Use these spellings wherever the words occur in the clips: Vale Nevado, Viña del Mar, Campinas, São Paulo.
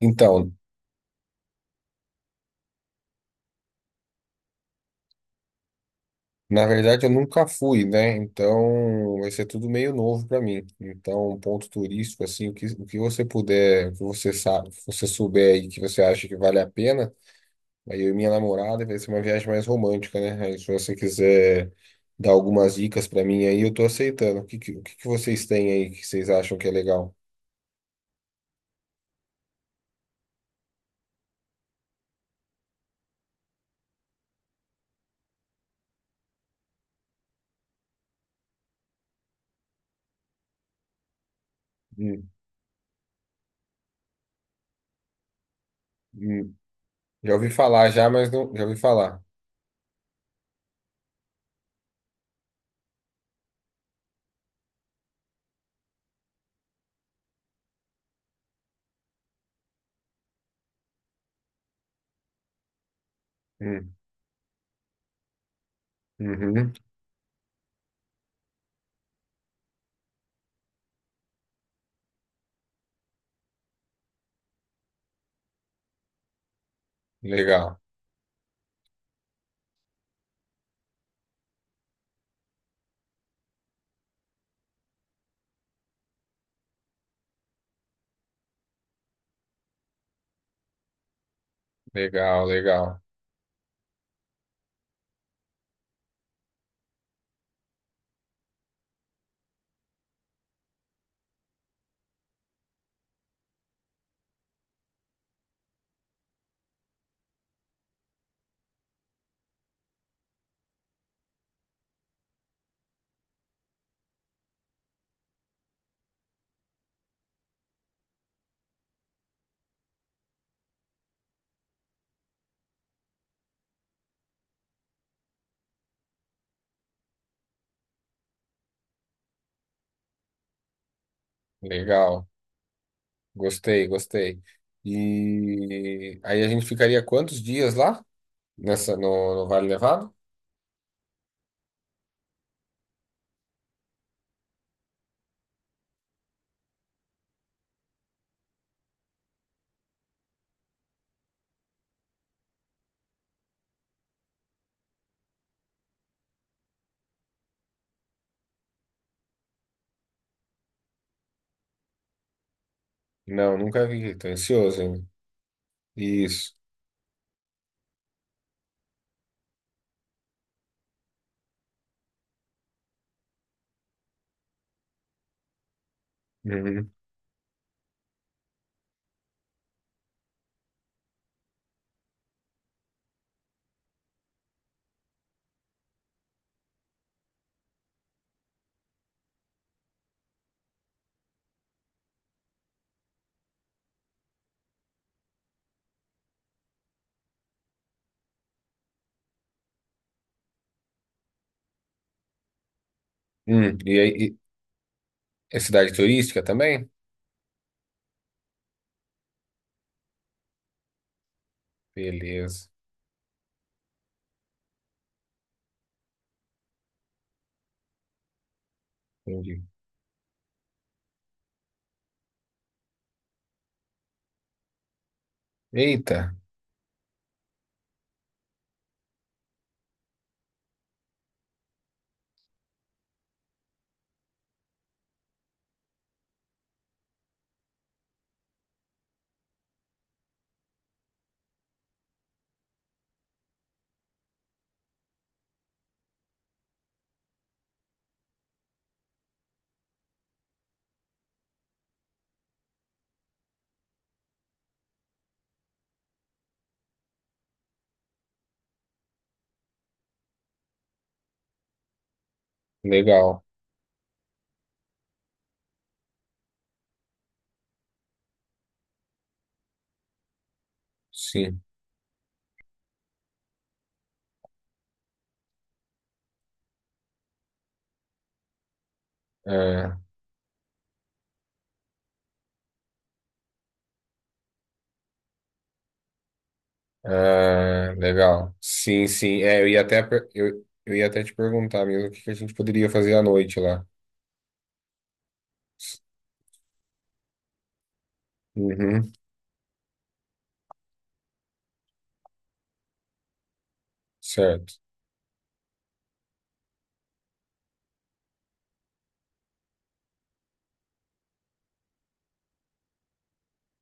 Então, na verdade eu nunca fui, né? Então vai ser tudo meio novo para mim. Então, um ponto turístico, assim, o que você puder, o que você sabe, se você souber aí que você acha que vale a pena, aí eu e minha namorada vai ser uma viagem mais romântica, né? Aí se você quiser dar algumas dicas para mim aí, eu tô aceitando. O que que vocês têm aí que vocês acham que é legal? Hum, hum. Já ouvi falar já, mas não, já ouvi falar. Hum, uhum. Legal, legal, legal, legal. Gostei, gostei. E aí a gente ficaria quantos dias lá? Nessa, no, no Vale Nevado? Não, nunca vi, tô ansioso ainda. Isso. Uhum. E aí, e- é cidade turística também? Beleza, entendi. Eita, legal. Sim. Ah, ah, legal. Sim, sim. É, eu ia até te perguntar mesmo o que que a gente poderia fazer à noite lá. Uhum, certo.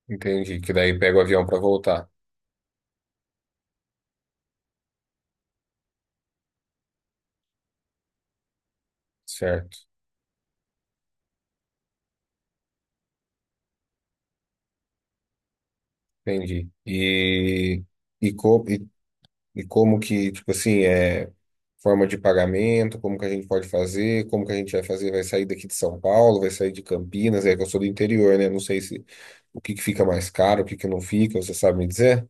Entendi. Que daí pega o avião para voltar. Certo. Entendi. E, co, e, e como que, tipo assim, é forma de pagamento, como que a gente pode fazer, como que a gente vai fazer, vai sair daqui de São Paulo, vai sair de Campinas, é que eu sou do interior, né? Não sei se o que que fica mais caro, o que que não fica, você sabe me dizer?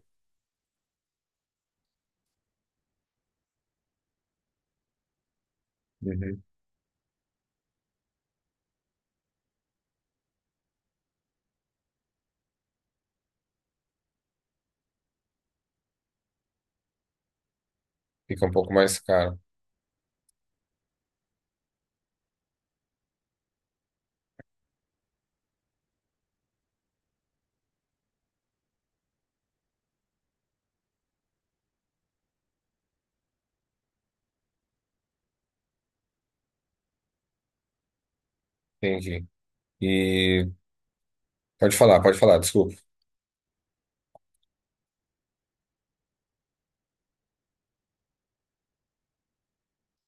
Uhum. Fica um pouco mais caro. Entendi. E pode falar, desculpa.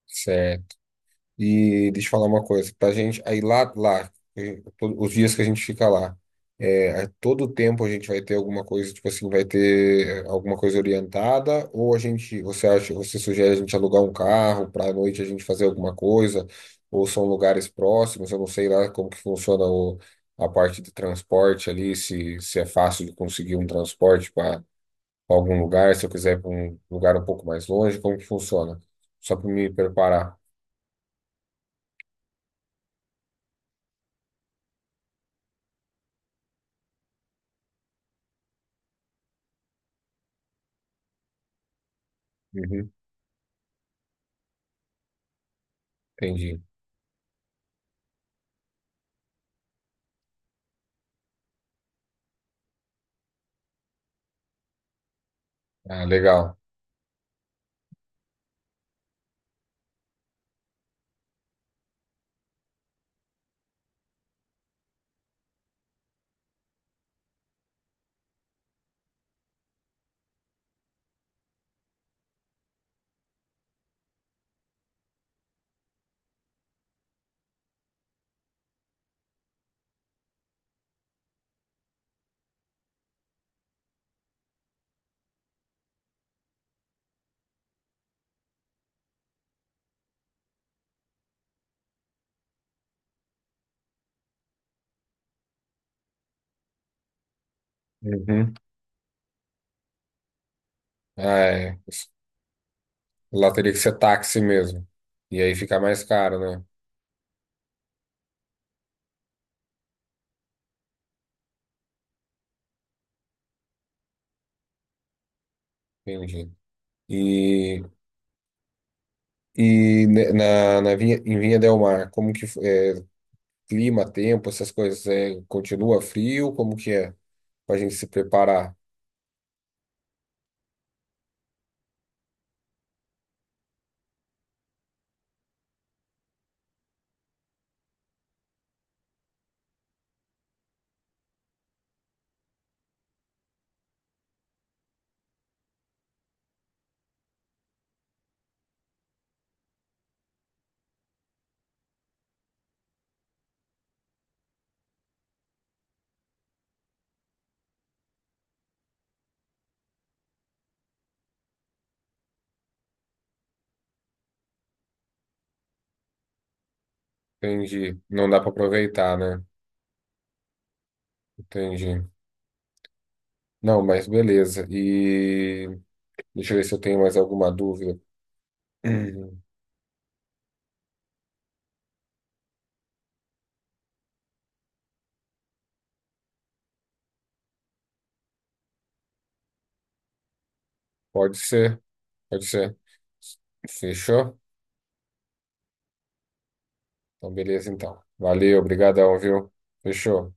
Certo. E deixa eu falar uma coisa, pra gente, lá, os dias que a gente fica lá, é, a todo tempo a gente vai ter alguma coisa, tipo assim, vai ter alguma coisa orientada, ou a gente, você acha, você sugere a gente alugar um carro para à noite a gente fazer alguma coisa, ou são lugares próximos, eu não sei lá como que funciona o, a parte de transporte ali, se é fácil de conseguir um transporte para algum lugar, se eu quiser ir para um lugar um pouco mais longe, como que funciona? Só para me preparar. Uhum, entendi. Ah, legal. Uhum. Ah, é. Lá teria que ser táxi mesmo. E aí fica mais caro, né? Entendi. E, na Vinha, em Vinha Del Mar, é, clima, tempo, essas coisas, é, continua frio? Como que é? Pra gente se preparar. Entendi. Não dá pra aproveitar, né? Entendi. Não, mas beleza. E deixa eu ver se eu tenho mais alguma dúvida. Hum. Pode ser, pode ser. Fechou? Então, beleza, então. Valeu, obrigadão, viu? Fechou.